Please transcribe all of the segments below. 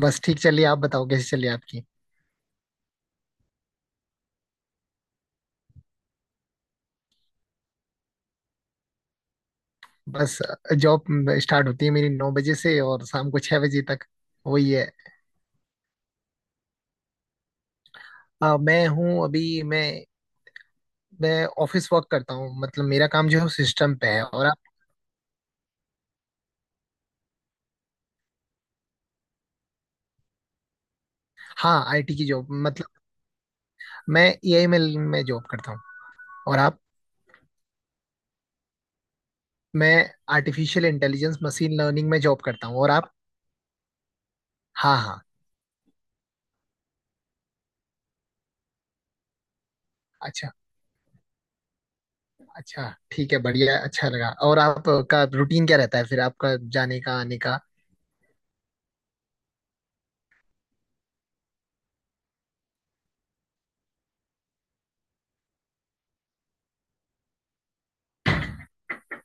बस ठीक। चलिए, आप बताओ कैसी चलिए आपकी। बस। जॉब स्टार्ट होती है मेरी 9 बजे से और शाम को 6 बजे तक। वही है। अ, मैं हूँ अभी मैं मैं ऑफिस वर्क करता हूँ, मतलब मेरा काम जो है सिस्टम पे है। और आप? हाँ, आईटी की जॉब मतलब मैं एआई में जॉब करता हूँ। और आप? मैं आर्टिफिशियल इंटेलिजेंस मशीन लर्निंग में जॉब करता हूँ। और आप? हाँ, हाँ। अच्छा, अच्छा। ठीक है, बढ़िया, अच्छा लगा। और आपका रूटीन क्या रहता है फिर, आपका जाने का आने का?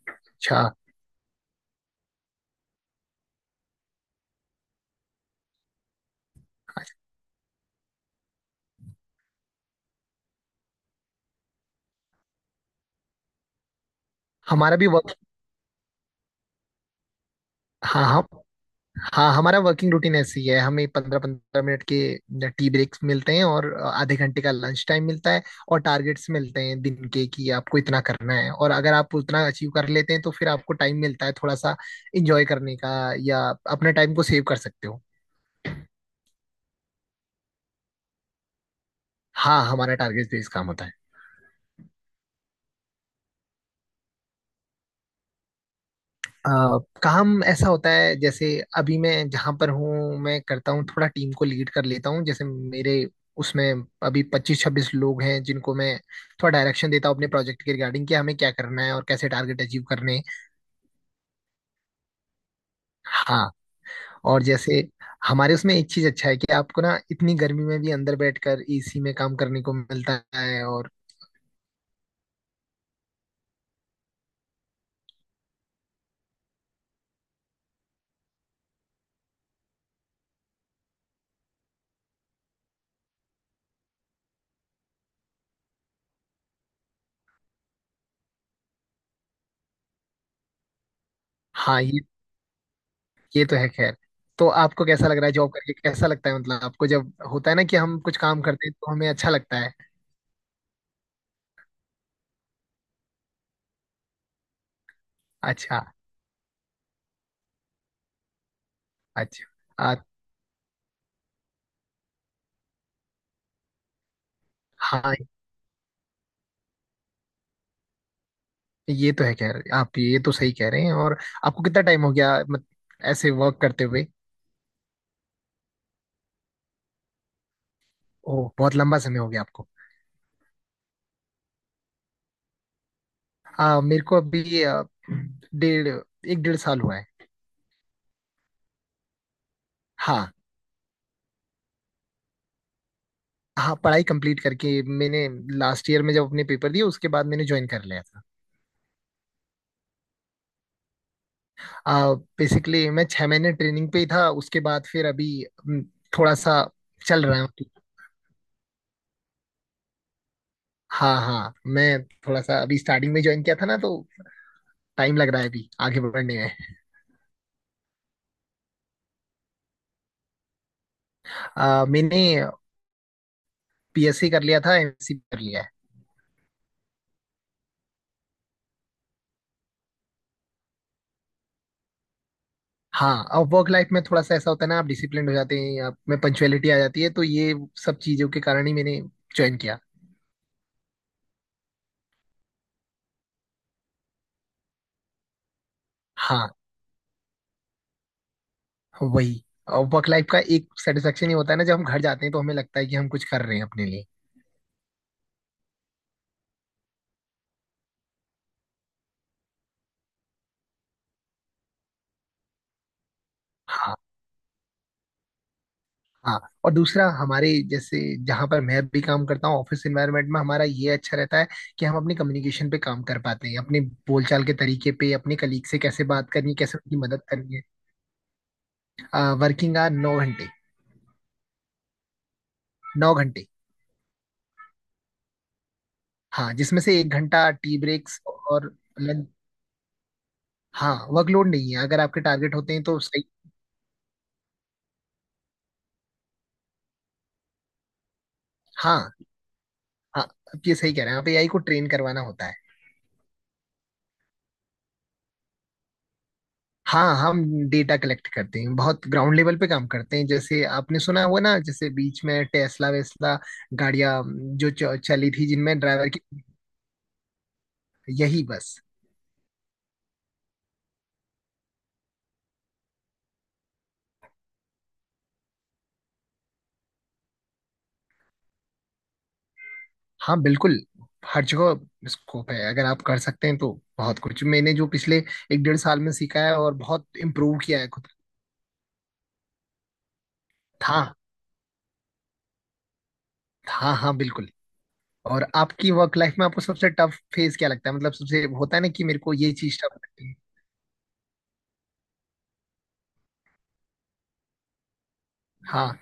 अच्छा, अच्छा। हमारा भी वर्क। हाँ, हाँ। हाँ, हमारा वर्किंग रूटीन ऐसी है, हमें 15-15 मिनट के टी ब्रेक्स मिलते हैं और आधे घंटे का लंच टाइम मिलता है। और टारगेट्स मिलते हैं दिन के कि आपको इतना करना है, और अगर आप उतना अचीव कर लेते हैं तो फिर आपको टाइम मिलता है थोड़ा सा इंजॉय करने का, या अपने टाइम को सेव कर सकते हो। हाँ, हमारा टारगेट बेस्ड काम होता है। अ, काम ऐसा होता है, जैसे अभी मैं जहां पर हूँ, मैं करता हूँ, थोड़ा टीम को लीड कर लेता हूँ। जैसे मेरे उसमें अभी 25-26 लोग हैं, जिनको मैं थोड़ा डायरेक्शन देता हूँ अपने प्रोजेक्ट के रिगार्डिंग कि हमें क्या करना है और कैसे टारगेट अचीव करने हैं। हाँ। और जैसे हमारे उसमें एक चीज अच्छा है कि आपको ना, इतनी गर्मी में भी अंदर बैठकर एसी में काम करने को मिलता है। और हाँ, ये तो है खैर। तो आपको कैसा लग रहा है जॉब करके? कैसा लगता है, मतलब आपको जब होता है ना कि हम कुछ काम करते हैं तो हमें अच्छा लगता है। अच्छा। अच्छा। आ, हाँ, ये तो है, कह रहे आप, ये तो सही कह रहे हैं। और आपको कितना टाइम हो गया मत, ऐसे वर्क करते हुए? ओह, बहुत लंबा समय हो गया आपको। मेरे को अभी आ, डेढ़ एक डेढ़ साल हुआ है। हाँ, हाँ। पढ़ाई कंप्लीट करके मैंने लास्ट ईयर में जब अपने पेपर दिए, उसके बाद मैंने ज्वाइन कर लिया था। आ, बेसिकली मैं 6 महीने ट्रेनिंग पे ही था। उसके बाद फिर अभी थोड़ा सा चल रहा है। हाँ, हाँ। मैं थोड़ा सा अभी स्टार्टिंग में ज्वाइन किया था ना, तो टाइम लग रहा है अभी आगे बढ़ने में। मैंने पीएससी कर लिया था, एमएससी कर लिया है। हाँ, अब वर्क लाइफ में थोड़ा सा ऐसा होता है ना, आप डिसिप्लिन हो जाते हैं, आप में पंचुअलिटी आ जाती है, तो ये सब चीजों के कारण ही मैंने ज्वाइन किया। हाँ, वही। और वर्क लाइफ का एक सेटिस्फेक्शन ही होता है ना, जब हम घर जाते हैं तो हमें लगता है कि हम कुछ कर रहे हैं अपने लिए। हाँ, हाँ। और दूसरा, हमारे जैसे जहाँ पर मैं भी काम करता हूँ ऑफिस एनवायरनमेंट में, हमारा ये अच्छा रहता है कि हम अपनी कम्युनिकेशन पे काम कर पाते हैं, अपने बोलचाल के तरीके पे, अपने कलीग से कैसे बात करनी है, कैसे उनकी मदद करनी है। वर्किंग आवर 9 घंटे। नौ घंटे। हाँ, जिसमें से एक घंटा टी ब्रेक्स और लंच। हाँ, वर्कलोड नहीं है, अगर आपके टारगेट होते हैं तो सही। हाँ, हाँ, आप ये सही कह रहे हैं, आप एआई को ट्रेन करवाना होता है। हाँ, हम डेटा कलेक्ट करते हैं, बहुत ग्राउंड लेवल पे काम करते हैं। जैसे आपने सुना हुआ ना, जैसे बीच में टेस्ला वेस्ला गाड़ियाँ जो चली थी, जिनमें ड्राइवर की। यही बस। हाँ, बिल्कुल, हर जगह स्कोप है, अगर आप कर सकते हैं तो। बहुत कुछ मैंने जो पिछले एक डेढ़ साल में सीखा है, और बहुत इम्प्रूव किया है खुद। था। हाँ, हाँ, बिल्कुल। और आपकी वर्क लाइफ में आपको सबसे टफ फेज क्या लगता है? मतलब सबसे होता है ना कि मेरे को ये चीज टफ लगती है। हाँ।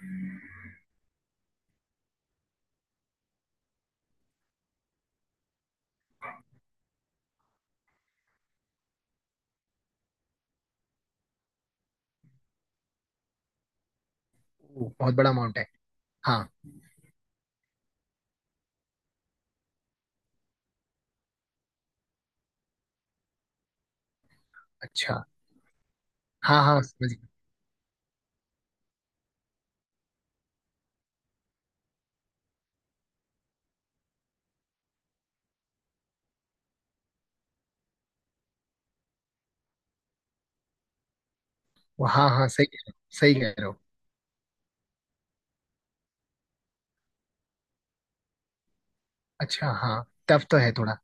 ओ, बहुत बड़ा अमाउंट है। हाँ। अच्छा। हाँ, हाँ, समझ गया। वो हाँ, हाँ, सही कह रहे हो, सही कह रहे हो। अच्छा, हाँ, टफ तो है थोड़ा।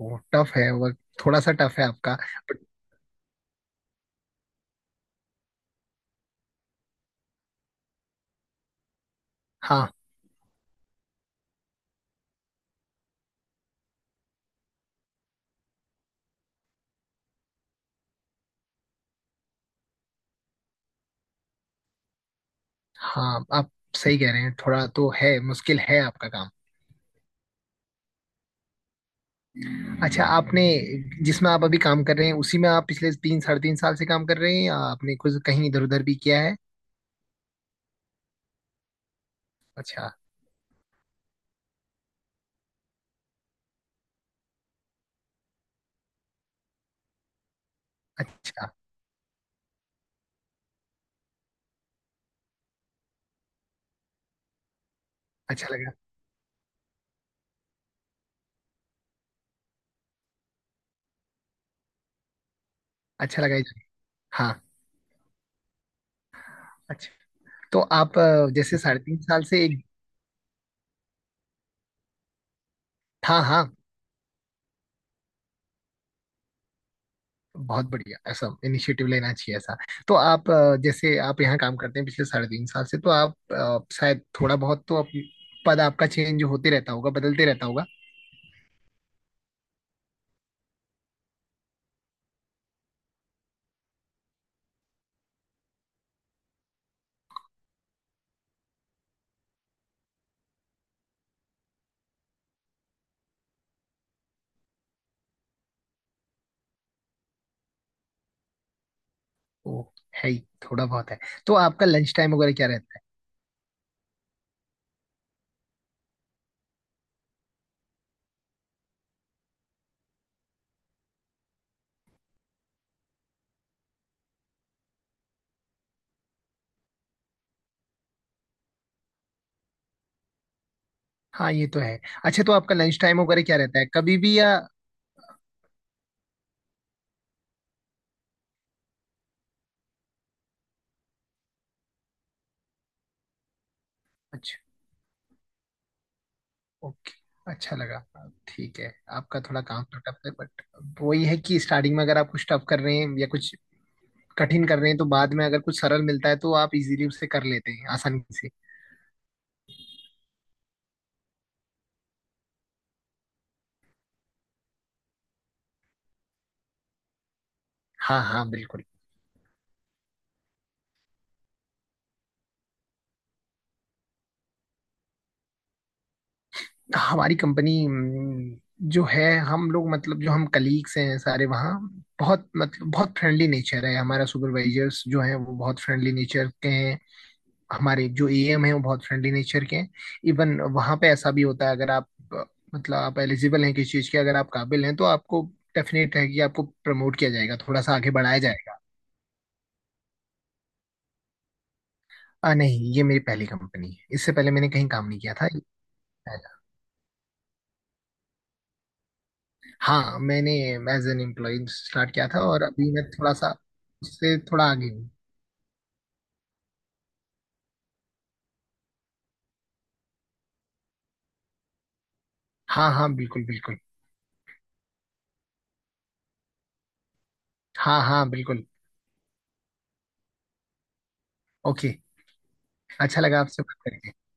वो टफ है वर्क, थोड़ा सा टफ है आपका, बट हाँ, हाँ, आप सही कह रहे हैं, थोड़ा तो है, मुश्किल है आपका काम। अच्छा, आपने जिसमें आप अभी काम कर रहे हैं उसी में आप पिछले तीन साढ़े तीन साल से काम कर रहे हैं, या आपने कुछ कहीं इधर उधर भी किया है? अच्छा, अच्छा। अच्छा लगा। अच्छा लगा हाँ। अच्छा, तो आप जैसे साढ़े तीन साल से एक। हाँ, हाँ। बहुत बढ़िया, ऐसा इनिशिएटिव लेना चाहिए ऐसा। तो आप जैसे आप यहाँ काम करते हैं पिछले साढ़े तीन साल से, तो आप शायद थोड़ा बहुत, पद आपका चेंज होते रहता होगा, बदलते रहता होगा। ओ, है ही, थोड़ा बहुत है। तो आपका लंच टाइम वगैरह क्या रहता है? हाँ, ये तो है। अच्छा, तो आपका लंच टाइम वगैरह क्या रहता है, कभी भी या? अच्छा, ओके, अच्छा लगा, ठीक है। आपका थोड़ा काम तो टफ है, बट वही है कि स्टार्टिंग में अगर आप कुछ टफ कर रहे हैं या कुछ कठिन कर रहे हैं, तो बाद में अगर कुछ सरल मिलता है तो आप इजीली उसे कर लेते हैं, आसानी से। हाँ, हाँ, बिल्कुल। हमारी कंपनी जो है, हम लोग मतलब जो हम कलीग्स हैं सारे वहाँ, बहुत मतलब बहुत फ्रेंडली नेचर है हमारा। सुपरवाइजर्स जो है वो बहुत फ्रेंडली नेचर के हैं, हमारे जो एएम है वो बहुत फ्रेंडली नेचर के हैं। इवन वहाँ पे ऐसा भी होता है, अगर आप मतलब आप एलिजिबल हैं किसी चीज़ के, अगर आप काबिल हैं तो आपको डेफिनेट है कि आपको प्रमोट किया जाएगा, थोड़ा सा आगे बढ़ाया जाएगा। नहीं, ये मेरी पहली कंपनी है, इससे पहले मैंने कहीं काम नहीं किया था, ये पहला। हाँ, मैंने एज एन एम्प्लॉय स्टार्ट किया था, और अभी मैं थोड़ा सा उससे थोड़ा आगे हूँ। हाँ, हाँ, बिल्कुल, बिल्कुल। हाँ, हाँ, बिल्कुल। ओके, अच्छा लगा आपसे बात करके।